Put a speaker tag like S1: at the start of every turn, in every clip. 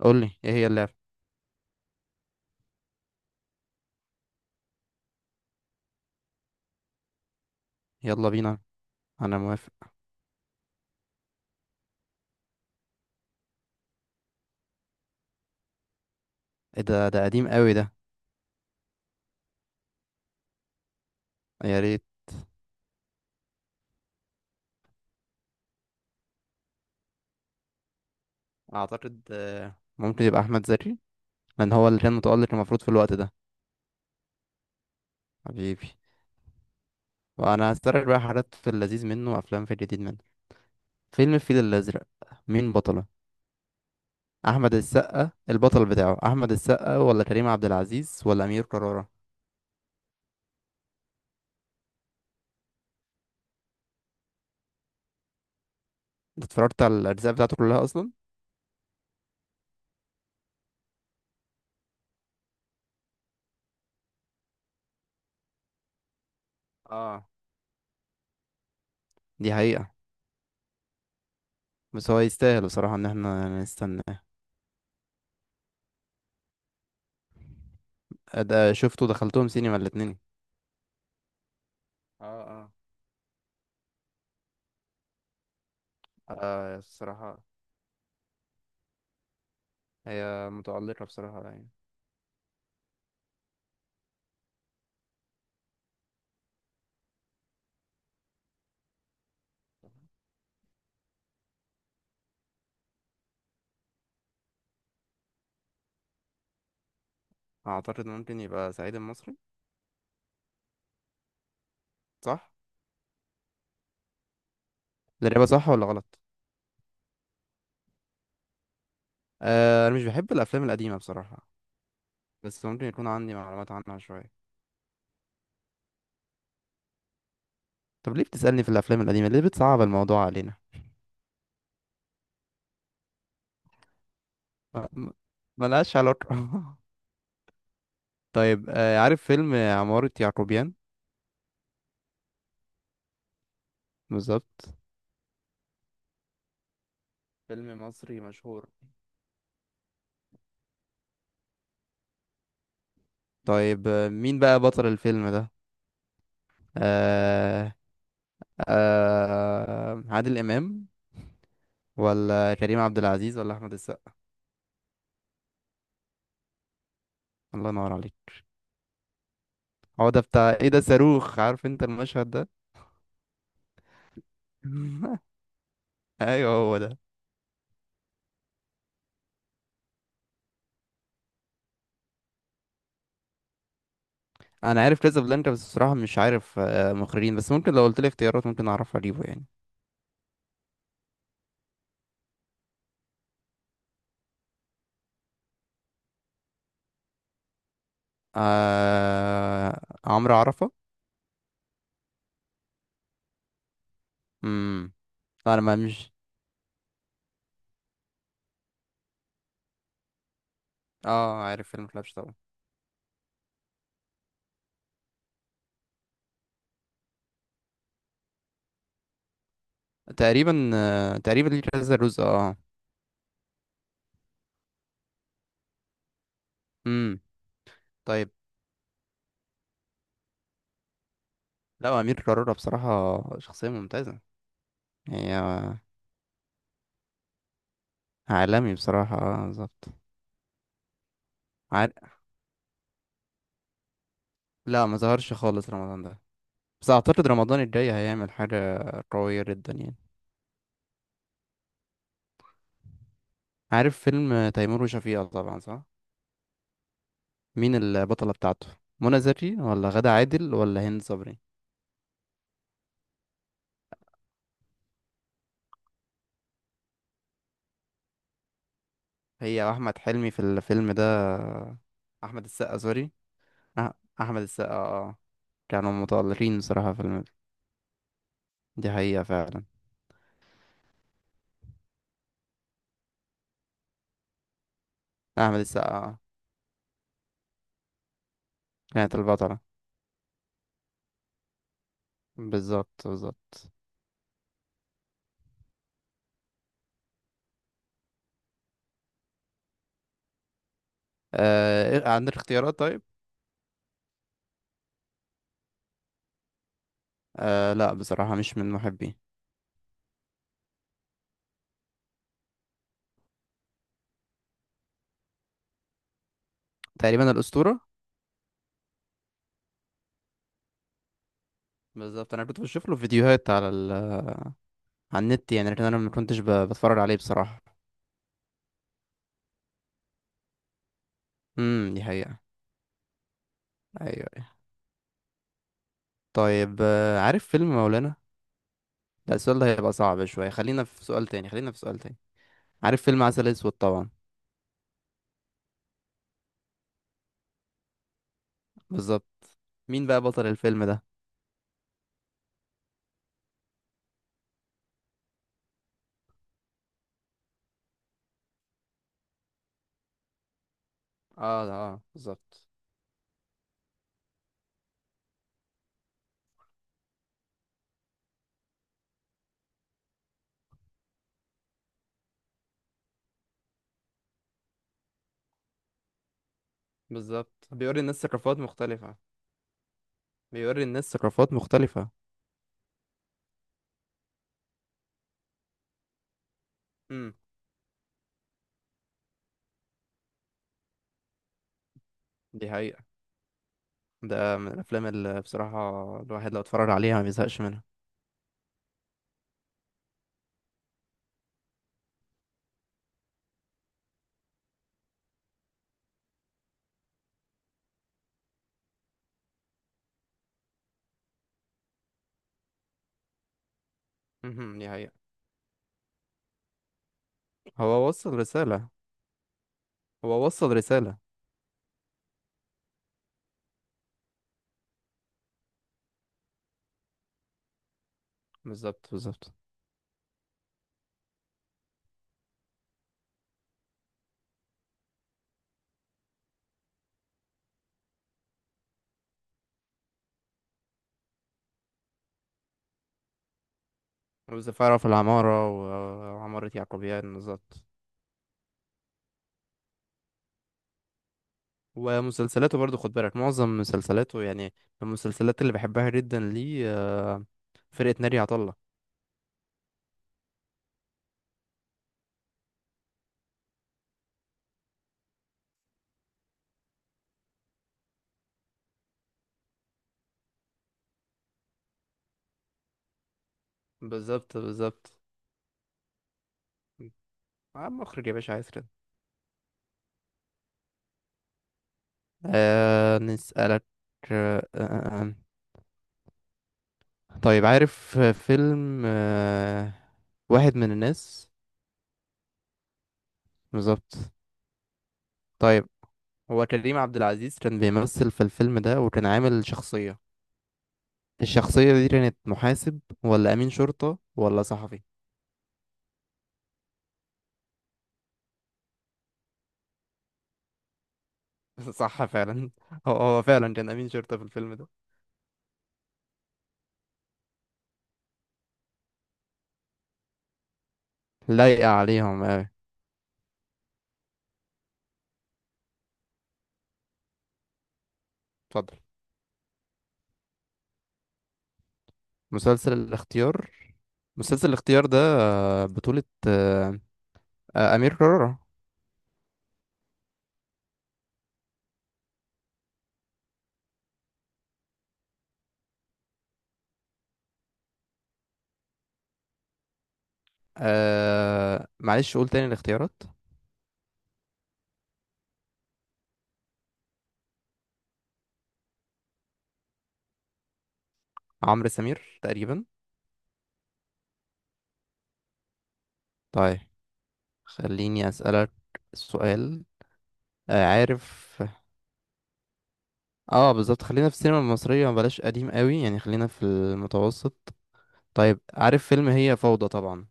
S1: قول لي ايه هي اللعبة. يلا بينا. انا موافق. ايه ده، قديم قوي ده. يا ريت. اعتقد ممكن يبقى احمد زكي، لان هو اللي كان متألق المفروض في الوقت ده. حبيبي، وانا هسترجع بقى حاجات في اللذيذ منه وافلام في الجديد منه. فيلم الفيل الازرق، مين بطله؟ احمد السقا البطل بتاعه، احمد السقا ولا كريم عبد العزيز ولا امير كرارة؟ انت اتفرجت على الاجزاء بتاعته كلها اصلا؟ اه، دي حقيقة. بس هو يستاهل بصراحة ان احنا نستناه. ده شفته، دخلتهم سينما الاتنين. اه، آه الصراحة. هي متألقة بصراحة يعني. أعتقد ممكن يبقى صعيدي المصري. صح؟ الإجابة صح ولا غلط؟ آه أنا مش بحب الأفلام القديمة بصراحة، بس ممكن يكون عندي معلومات عنها شوية. طب ليه بتسألني في الأفلام القديمة؟ ليه بتصعب الموضوع علينا؟ ما- ما- ملهاش علاقة. طيب آه، عارف فيلم عمارة يعقوبيان؟ بالظبط. فيلم مصري مشهور. طيب مين بقى بطل الفيلم ده؟ آه، آه عادل إمام ولا كريم عبد العزيز ولا أحمد السقا؟ الله ينور عليك. هو ده بتاع ايه ده، صاروخ، عارف انت المشهد ده. ايوه هو ده. انا عارف كازابلانكا بس بصراحه مش عارف مخرجين، بس ممكن لو قلت لي اختيارات ممكن اعرف اجيبه يعني. عمرو عرفه. امم، انا ما مش. اه، عارف فيلم فلاش طبعا. تقريبا تقريبا ليه كذا جزء اه. امم. طيب، لا امير كرارة بصراحه شخصيه ممتازه. هي عالمي بصراحه، اه بالظبط. عار... لا ما ظهرش خالص رمضان ده. بس اعتقد رمضان الجاي هيعمل حاجة قوية جدا يعني. عارف فيلم تيمور وشفيقة طبعا، صح؟ مين البطلة بتاعته؟ منى زكي ولا غادة عادل ولا هند صبري؟ هي واحمد حلمي في الفيلم ده. احمد السقا، سوري، أح- احمد السقا اه آه. كانوا متألقين بصراحة في الفيلم، دي حقيقة فعلا. احمد السقا اه، كانت البطلة. بالظبط بالظبط. آه عندك اختيارات طيب؟ آه لا بصراحة مش من محبي. تقريبا الأسطورة. بالظبط، انا كنت بشوف له فيديوهات على على النت يعني، لكن انا ما كنتش بتفرج عليه بصراحة. امم، دي حقيقة. ايوه، أيوة. طيب آه، عارف فيلم مولانا؟ لا السؤال ده هيبقى صعب شوية، خلينا في سؤال تاني، خلينا في سؤال تاني. عارف فيلم عسل اسود طبعا. بالظبط. مين بقى بطل الفيلم ده؟ اه اه، بالظبط بالظبط. بيوري الناس ثقافات مختلفة. بيوري الناس ثقافات مختلفة. امم، دي حقيقة. ده من الافلام اللي بصراحة الواحد لو اتفرج عليها ما بيزهقش منها. مهم. دي حقيقة. هو وصل رسالة. هو وصل رسالة. بالظبط بالظبط. والزفارة في العمارة وعمارة يعقوبيان، بالظبط. ومسلسلاته برضو، خد بالك معظم مسلسلاته يعني من المسلسلات اللي بحبها جدا ليه فرقة ناري عطا الله. بالظبط بالظبط. عم مخرج يا باشا، عايز كده. آه نسألك. آه آه آه. آه، طيب، عارف فيلم آه واحد من الناس؟ بالظبط. طيب، هو كريم عبد العزيز كان بيمثل في الفيلم ده، وكان عامل شخصية. الشخصية دي كانت محاسب ولا أمين شرطة ولا صحفي؟ صح فعلا. هو فعلا كان أمين شرطة في الفيلم ده. لايقة عليهم أوي. اتفضل. مسلسل الاختيار. مسلسل الاختيار ده بطولة أمير كرارة. آه معلش، قول تاني الاختيارات. عمرو سمير تقريبا. طيب، خليني أسألك سؤال. عارف، اه بالظبط خلينا في السينما المصرية، بلاش قديم قوي يعني، خلينا في المتوسط. طيب عارف فيلم هي فوضى طبعا؟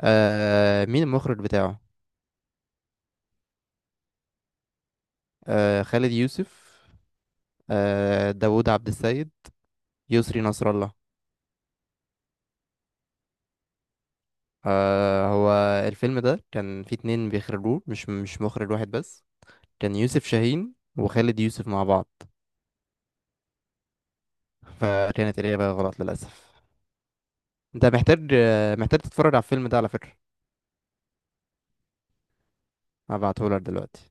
S1: آه مين المخرج بتاعه؟ آه خالد يوسف، آه داوود عبد السيد، يسري نصر الله. آه هو الفيلم ده كان فيه اتنين بيخرجوه، مش مخرج واحد بس. كان يوسف شاهين وخالد يوسف مع بعض. فكانت الإجابة غلط للأسف. انت محتاج محتاج تتفرج على الفيلم ده على فكرة. هبعتهولك دلوقتي.